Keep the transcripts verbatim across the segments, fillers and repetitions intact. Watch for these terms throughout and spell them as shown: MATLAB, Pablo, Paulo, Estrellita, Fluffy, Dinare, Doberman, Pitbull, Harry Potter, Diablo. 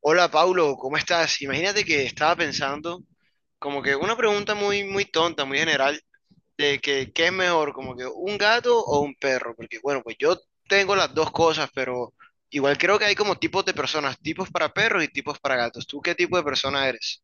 Hola Paulo, ¿cómo estás? Imagínate que estaba pensando como que una pregunta muy muy tonta, muy general, de que qué es mejor, como que un gato o un perro, porque bueno, pues yo tengo las dos cosas, pero igual creo que hay como tipos de personas, tipos para perros y tipos para gatos. ¿Tú qué tipo de persona eres?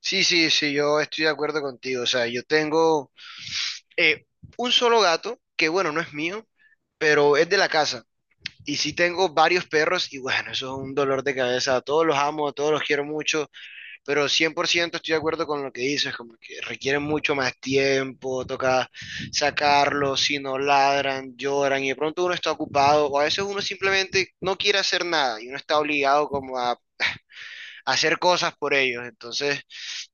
Sí, sí, sí, yo estoy de acuerdo contigo. O sea, yo tengo eh, un solo gato, que bueno, no es mío, pero es de la casa. Y sí tengo varios perros y bueno, eso es un dolor de cabeza. A todos los amo, a todos los quiero mucho, pero cien por ciento estoy de acuerdo con lo que dices, como que requieren mucho más tiempo, toca sacarlos, si no ladran, lloran, y de pronto uno está ocupado, o a veces uno simplemente no quiere hacer nada, y uno está obligado como a, a hacer cosas por ellos. Entonces,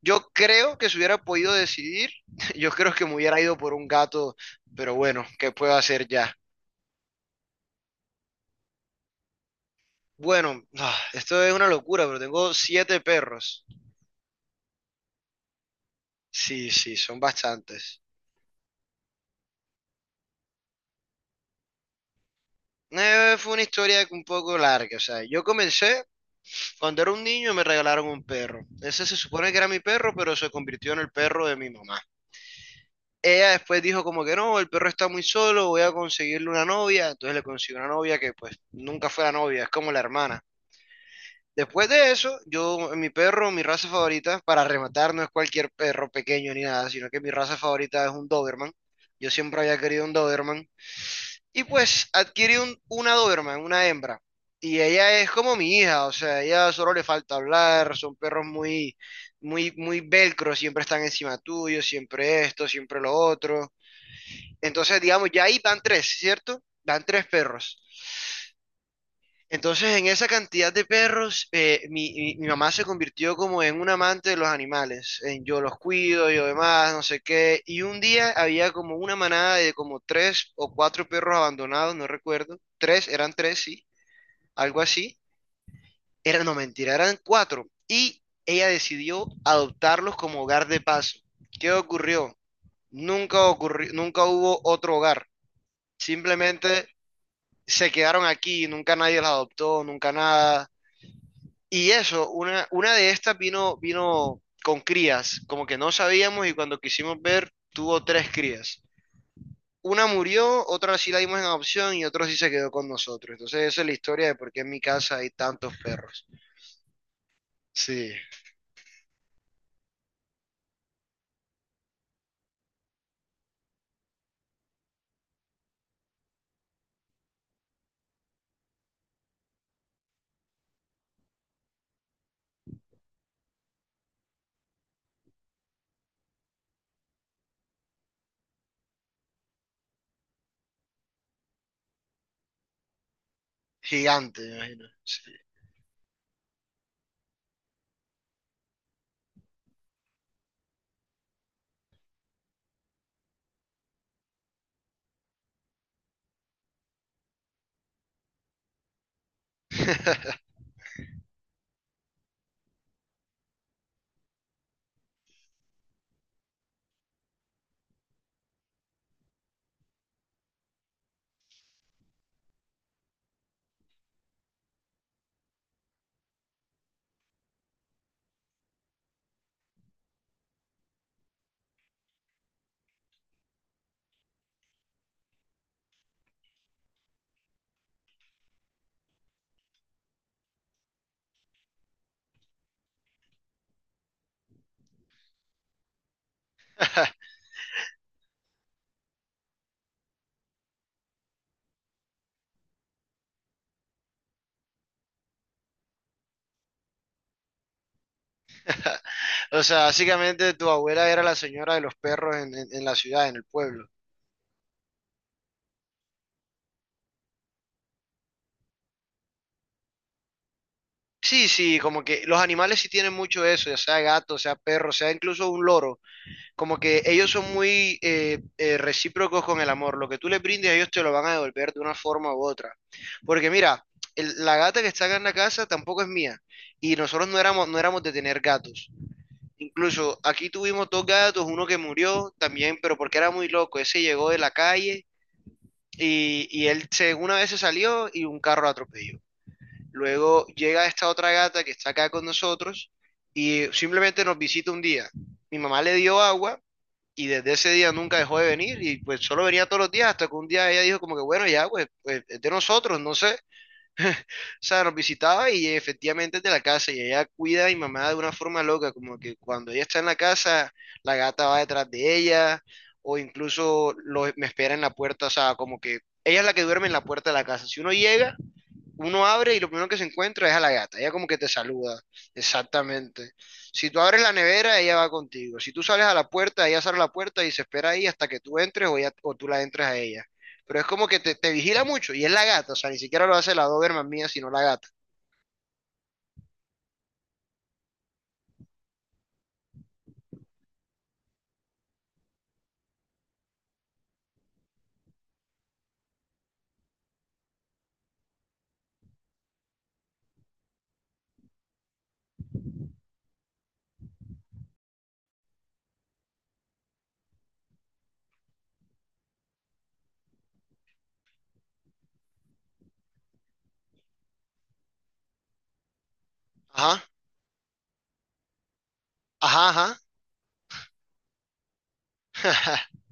yo creo que si hubiera podido decidir, yo creo que me hubiera ido por un gato, pero bueno, ¿qué puedo hacer ya? Bueno, ah, esto es una locura, pero tengo siete perros. Sí, sí, son bastantes. Eh, fue una historia un poco larga. O sea, yo comencé cuando era un niño me regalaron un perro. Ese se supone que era mi perro, pero se convirtió en el perro de mi mamá. Ella después dijo como que no, el perro está muy solo, voy a conseguirle una novia. Entonces le consiguió una novia que pues nunca fue la novia, es como la hermana. Después de eso, yo, mi perro, mi raza favorita, para rematar, no es cualquier perro pequeño ni nada, sino que mi raza favorita es un Doberman. Yo siempre había querido un Doberman. Y pues adquirí un, una Doberman, una hembra. Y ella es como mi hija, o sea, ella solo le falta hablar, son perros muy, muy, muy velcro, siempre están encima tuyo, siempre esto, siempre lo otro. Entonces, digamos, ya ahí van tres, ¿cierto? Van tres perros. Entonces, en esa cantidad de perros, eh, mi, mi- mi mamá se convirtió como en un amante de los animales. En yo los cuido, yo demás, no sé qué. Y un día había como una manada de como tres o cuatro perros abandonados, no recuerdo. Tres, eran tres, sí, algo así. Era, no, mentira, eran cuatro. Y ella decidió adoptarlos como hogar de paso. ¿Qué ocurrió? Nunca ocurrió, nunca hubo otro hogar. Simplemente se quedaron aquí, nunca nadie los adoptó, nunca nada. Y eso, una, una de estas vino, vino con crías, como que no sabíamos y cuando quisimos ver tuvo tres crías. Una murió, otra sí la dimos en adopción y otra sí se quedó con nosotros. Entonces esa es la historia de por qué en mi casa hay tantos perros. Sí, gigante, me imagino. Sí. O sea, básicamente tu abuela era la señora de los perros en, en- en la ciudad, en el pueblo. Sí, sí, como que los animales sí tienen mucho eso, ya sea gato, sea perro, sea incluso un loro. Como que ellos son muy eh, eh, recíprocos con el amor. Lo que tú le brindes, a ellos te lo van a devolver de una forma u otra. Porque mira, el- la gata que está acá en la casa tampoco es mía. Y nosotros no éramos, no éramos de tener gatos. Incluso aquí tuvimos dos gatos, uno que murió también, pero porque era muy loco. Ese llegó de la calle y, y él se, una vez se salió y un carro lo atropelló. Luego llega esta otra gata que está acá con nosotros y simplemente nos visita un día. Mi mamá le dio agua y desde ese día nunca dejó de venir y pues solo venía todos los días hasta que un día ella dijo como que bueno, ya, pues, pues, es de nosotros, no sé. O sea, nos visitaba y efectivamente es de la casa y ella cuida a mi mamá de una forma loca, como que cuando ella está en la casa, la gata va detrás de ella o incluso lo- me espera en la puerta, o sea, como que ella es la que duerme en la puerta de la casa. Si uno llega, uno abre y lo primero que se encuentra es a la gata. Ella como que te saluda, exactamente. Si tú abres la nevera, ella va contigo. Si tú sales a la puerta, ella sale a la puerta y se espera ahí hasta que tú entres o, ella- o tú la entres a ella. Pero es como que te, te vigila mucho y es la gata, o sea, ni siquiera lo hace la Doberman mía, sino la gata. Ajá, ajá, ajá.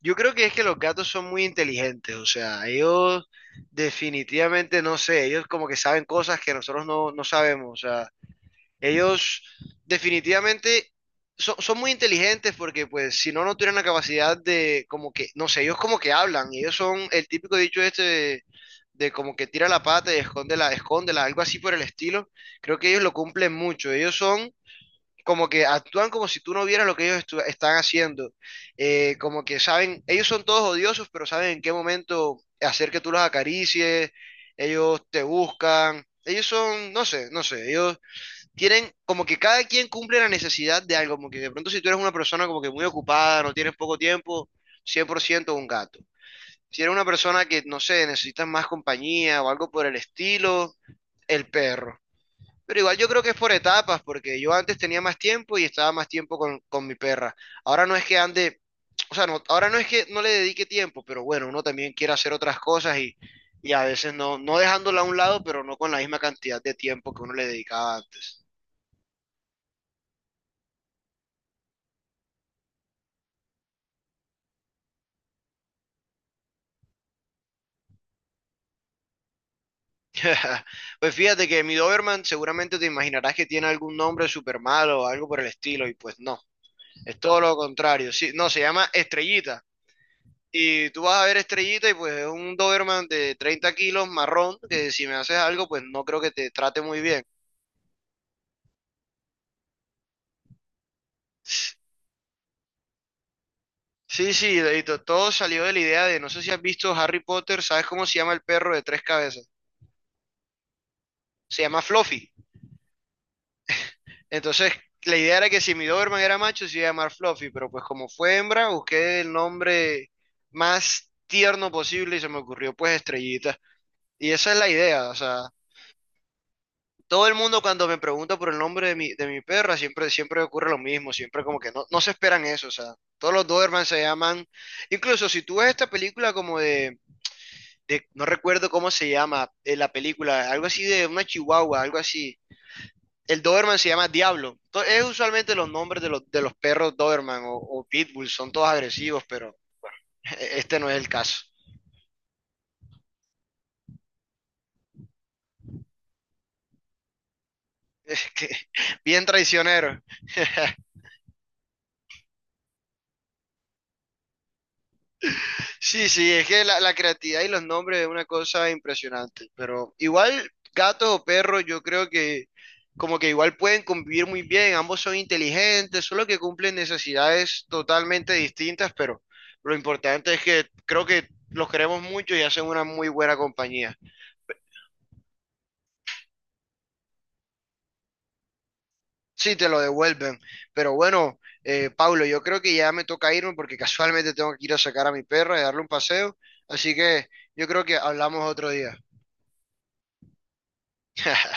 Yo creo que es que los gatos son muy inteligentes, o sea, ellos definitivamente, no sé, ellos como que saben cosas que nosotros no, no sabemos, o sea. Ellos definitivamente son, son muy inteligentes porque pues si no, no tuvieran la capacidad de como que, no sé, ellos como que hablan, ellos son el típico dicho este de, de como que tira la pata y escóndela, escóndela, algo así por el estilo. Creo que ellos lo cumplen mucho, ellos son como que actúan como si tú no vieras lo que ellos estu- están haciendo. Eh, como que saben, ellos son todos odiosos, pero saben en qué momento hacer que tú los acaricies, ellos te buscan. Ellos son, no sé, no sé, ellos tienen como que cada quien cumple la necesidad de algo, como que de pronto si tú eres una persona como que muy ocupada, no tienes poco tiempo, cien por ciento un gato. Si eres una persona que, no sé, necesitas más compañía o algo por el estilo, el perro. Pero igual yo creo que es por etapas, porque yo antes tenía más tiempo y estaba más tiempo con, con mi perra. Ahora no es que ande, o sea, no, ahora no es que no le dedique tiempo, pero bueno, uno también quiere hacer otras cosas y, y a veces no, no dejándola a un lado, pero no con la misma cantidad de tiempo que uno le dedicaba antes. Pues fíjate que mi Doberman seguramente te imaginarás que tiene algún nombre súper malo o algo por el estilo, y pues no, es todo lo contrario. Sí, no, se llama Estrellita. Y tú vas a ver Estrellita y pues es un Doberman de treinta kilos marrón, que si me haces algo, pues no creo que te trate muy bien. Sí, sí, y to- todo salió de la idea de, no sé si has visto Harry Potter, ¿sabes cómo se llama el perro de tres cabezas? Se llama Fluffy. Entonces, la idea era que si mi Doberman era macho, se iba a llamar Fluffy, pero pues como fue hembra, busqué el nombre más tierno posible y se me ocurrió pues Estrellita. Y esa es la idea, o sea, todo el mundo cuando me pregunta por el nombre de mi, de mi perra, siempre, siempre ocurre lo mismo, siempre como que no, no se esperan eso, o sea, todos los Doberman se llaman, incluso si tú ves esta película como de, de- no recuerdo cómo se llama eh, la película, algo así de una chihuahua, algo así. El Doberman se llama Diablo. To- Es usualmente los nombres de los, de los, perros Doberman o, o Pitbull, son todos agresivos, pero este no es el caso. Bien traicionero. Sí, sí, es que la, la creatividad y los nombres es una cosa impresionante, pero igual gatos o perros yo creo que como que igual pueden convivir muy bien, ambos son inteligentes, solo que cumplen necesidades totalmente distintas, pero lo importante es que creo que los queremos mucho y hacen una muy buena compañía. Sí, te lo devuelven. Pero bueno, eh, Pablo, yo creo que ya me toca irme porque casualmente tengo que ir a sacar a mi perra y darle un paseo. Así que yo creo que hablamos otro día.